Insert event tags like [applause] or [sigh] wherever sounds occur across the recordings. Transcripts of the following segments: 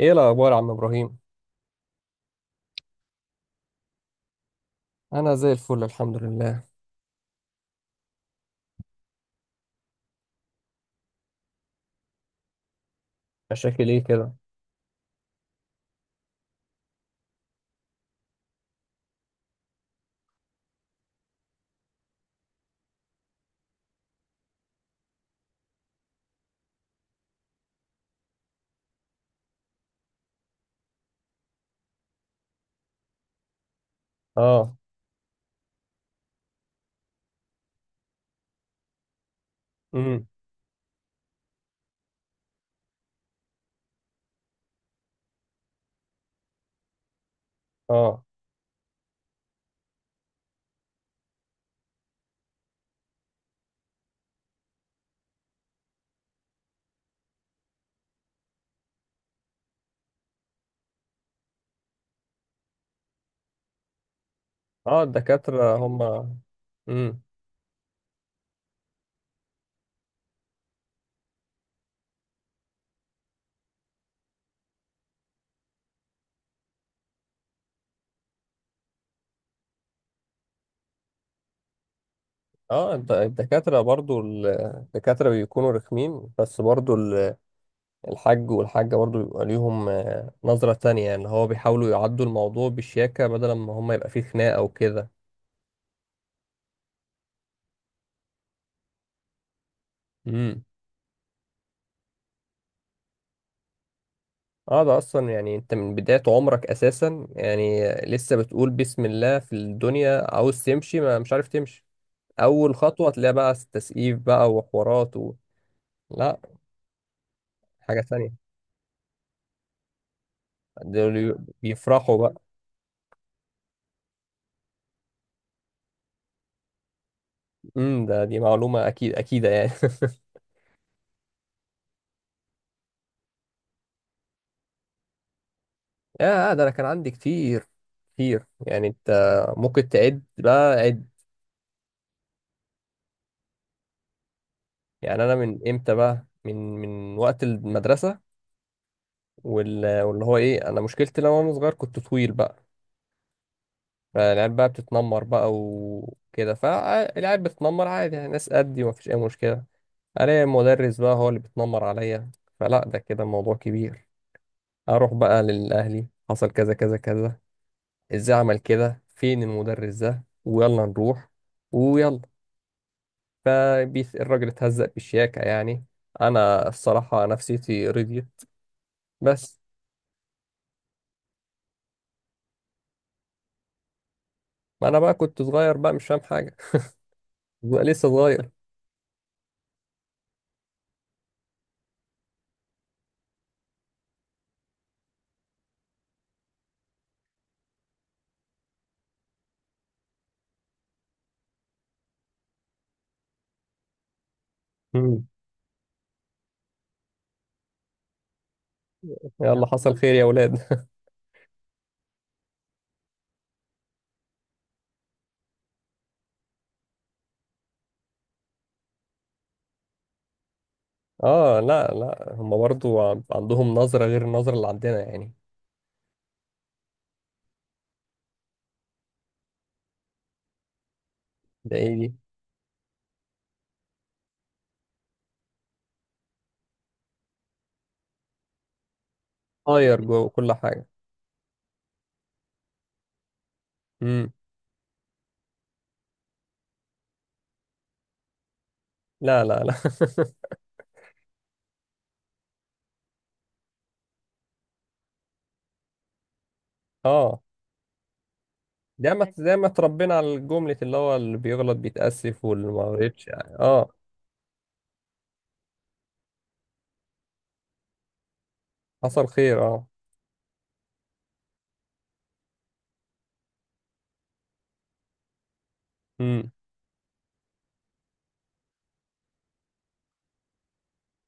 ايه الاخبار يا عم ابراهيم؟ انا زي الفل الحمد لله. مشاكل ايه كده؟ اه. امم. اه. اه الدكاتره هم. امم. اه الدكاتره برضو الدكاتره بيكونوا رخمين بس برضو. الحاج والحاجه برضو بيبقى ليهم نظره تانية اللي هو بيحاولوا يعدوا الموضوع بشياكه بدل ما هم يبقى فيه خناقه وكده. امم. اه ده اصلا يعني انت من بداية عمرك اساسا يعني لسه بتقول بسم الله في الدنيا عاوز تمشي ما مش عارف تمشي. اول خطوه تلاقي بقى تسقيف بقى وحوارات. لا حاجه ثانيه. دول بيفرحوا بقى. ده معلومه اكيد اكيده يعني. [laughs] يا ده انا كان عندي كتير كتير يعني انت. ممكن تعد بقى عد. يعني انا من امتى بقى من وقت المدرسه واللي هو ايه انا مشكلتي لما انا صغير كنت طويل بقى. فالعيال بقى بتتنمر بقى وكده فالعيال بتتنمر عادي يعني ناس قدي ومفيش اي مشكله. الاقي المدرس بقى هو اللي بيتنمر عليا. فلا ده كده موضوع كبير. اروح بقى للاهلي حصل كذا كذا كذا. ازاي عمل كده فين المدرس ده ويلا نروح ويلا. فالراجل اتهزق بالشياكة يعني. انا الصراحة نفسيتي رضيت بس. ما انا بقى كنت صغير بقى مش فاهم حاجة. [laughs] لسه صغير. مم. يلا حصل خير يا ولاد [laughs] اه لا لا هم برضو عندهم نظرة غير النظرة اللي عندنا يعني. ده ايه دي؟ طاير جوه كل حاجة. مم. لا لا لا. اه زي ما اتربينا على الجملة اللي هو اللي بيغلط بيتأسف واللي ما غلطش يعني اه. حصل خير اه. امم.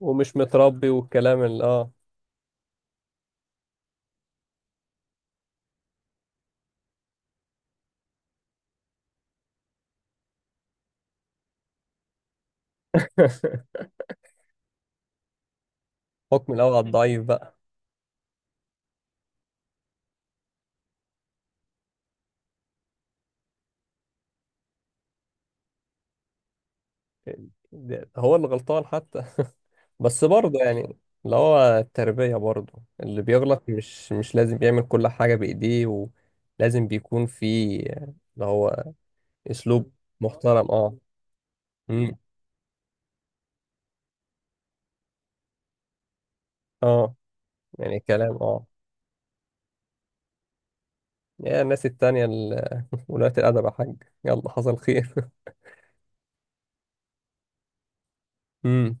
ومش متربي والكلام اللي اه. [laughs] حكم الأول على الضعيف بقى. هو اللي غلطان حتى [laughs] بس برضه يعني. اللي هو التربية برضه اللي بيغلط مش لازم يعمل كل حاجة بإيديه. ولازم بيكون في اللي هو أسلوب محترم اه. امم. اه. يعني كلام اه. يا الناس التانية [laughs] ولاة الأدب يا حاج. يلا حصل خير [laughs] امم.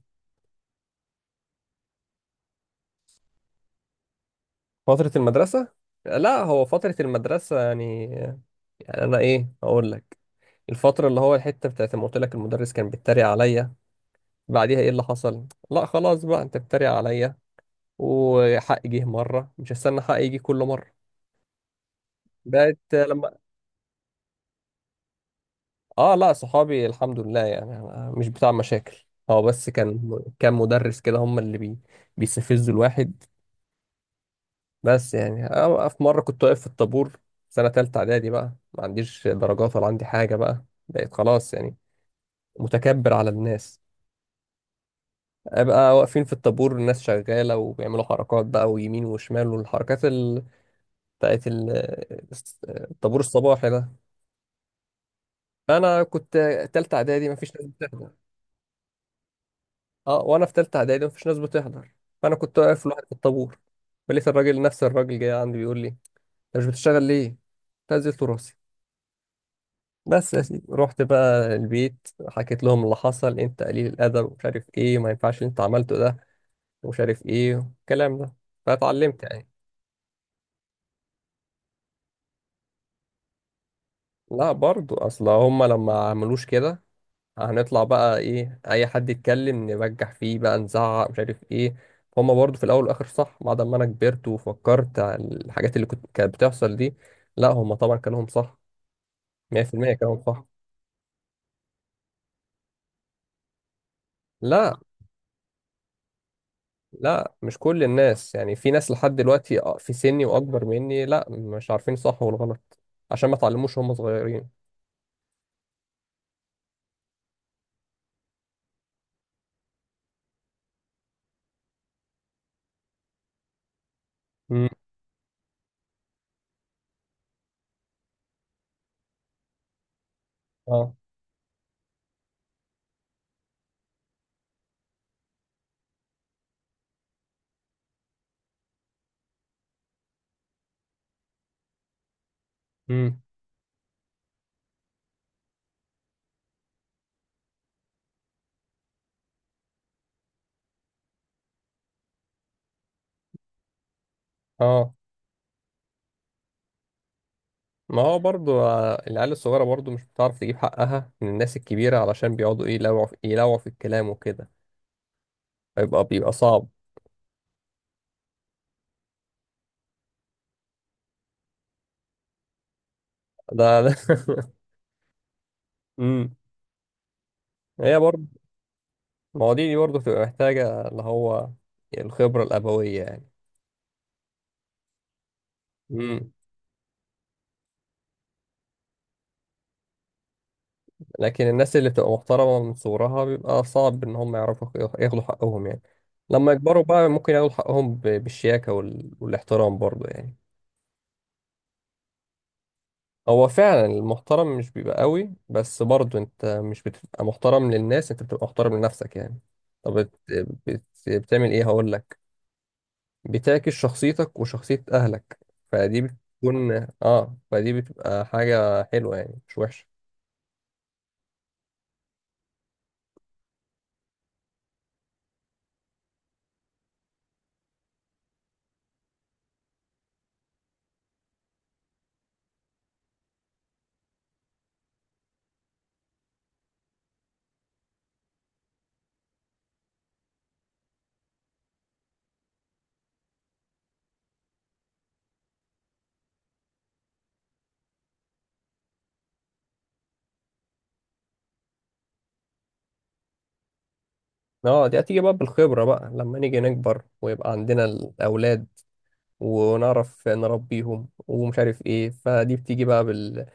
فترة المدرسة؟ لا هو فترة المدرسة يعني. يعني أنا إيه أقول لك؟ الفترة اللي هو الحتة بتاعت ما قلت لك المدرس كان بيتريق عليا. بعديها إيه اللي حصل؟ لا خلاص بقى أنت بتتريق عليا. وحقي جه مرة مش هستنى حقي يجي كل مرة. بقت لما. آه لا صحابي الحمد لله يعني أنا مش بتاع مشاكل. هو بس كان مدرس كده هم اللي. بيستفزوا الواحد. بس يعني أنا في مرة كنت واقف في الطابور. سنة تالتة إعدادي بقى ما عنديش درجات ولا عندي حاجة بقى بقيت خلاص يعني متكبر على الناس. أبقى واقفين في الطابور الناس شغالة وبيعملوا حركات بقى ويمين وشمال بتاعت ال... الطابور الصباحي ده. أنا كنت تالتة إعدادي مفيش ناس بتحضر. أه وأنا في تالتة إعدادي مفيش ناس بتحضر. فأنا كنت واقف لوحدي في الطابور. فلقيت الراجل نفس الراجل جاي عندي بيقول لي أنت مش بتشتغل ليه؟ نزلت راسي. بس يا سيدي رحت بقى البيت حكيت لهم اللي حصل انت قليل القدر ومش عارف ايه ما ينفعش اللي انت عملته ده ومش عارف ايه والكلام ده. فاتعلمت يعني. لا برضو اصل هما لما عملوش كده هنطلع بقى ايه اي حد يتكلم نبجح فيه بقى نزعق مش عارف ايه. هما برضو في الاول والاخر صح بعد ما انا كبرت وفكرت على الحاجات اللي كانت بتحصل دي. لا هما طبعا كانوا هم صح. 100%. كانوا هم صح. لا لا مش كل الناس يعني في ناس لحد دلوقتي في سني واكبر مني لا مش عارفين صح والغلط. عشان ما اتعلموش وهم صغيرين. امم. اه. امم. اه. ما هو برضو العيال الصغيرة برضو مش بتعرف تجيب حقها من الناس الكبيرة علشان بيقعدوا ايه يلوعوا في الكلام وكده. فيبقى بيبقى صعب. ده [laughs] امم. هي برضو. ما هو دي برضو بتبقى محتاجة اللي هو الخبرة الأبوية يعني. مم. لكن الناس اللي بتبقى محترمة من صغرها بيبقى صعب إن هم يعرفوا ياخدوا حقهم يعني. لما يكبروا بقى ممكن ياخدوا حقهم بالشياكة والاحترام برضه يعني. هو فعلا المحترم مش بيبقى قوي بس برضه أنت مش بتبقى محترم للناس أنت بتبقى محترم لنفسك يعني. طب بتعمل إيه هقول لك؟ بتعكس شخصيتك وشخصية أهلك. فدي بتكون آه فدي بتبقى حاجة حلوة يعني مش وحشة. اه دي هتيجي بقى بالخبرة بقى لما نيجي نكبر ويبقى عندنا الأولاد ونعرف نربيهم ومش عارف ايه فدي بتيجي بقى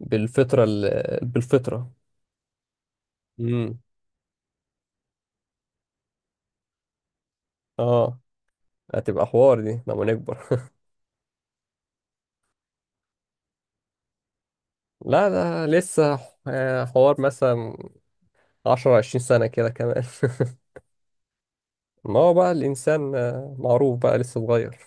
بالفطرة بالفطرة. امم. اه. هتبقى حوار دي لما نكبر [laughs] لا ده لسه حوار مثلا عشرة عشرين سنة كده كمان [laughs] ما هو بقى الإنسان معروف بقى لسه صغير.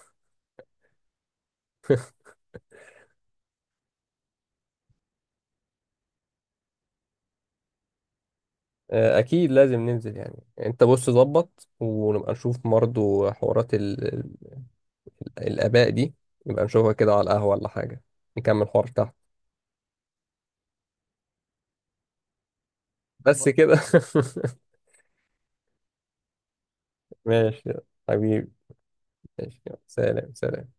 آه، أكيد لازم ننزل يعني أنت بص ظبط ونبقى نشوف برضه الآباء دي. نبقى نشوفها كده على القهوة ولا حاجة. نكمل الحوار تحت. بس كده [laughs] ماشي يلا. حبيبي. ماشي يلا. سلام سلام.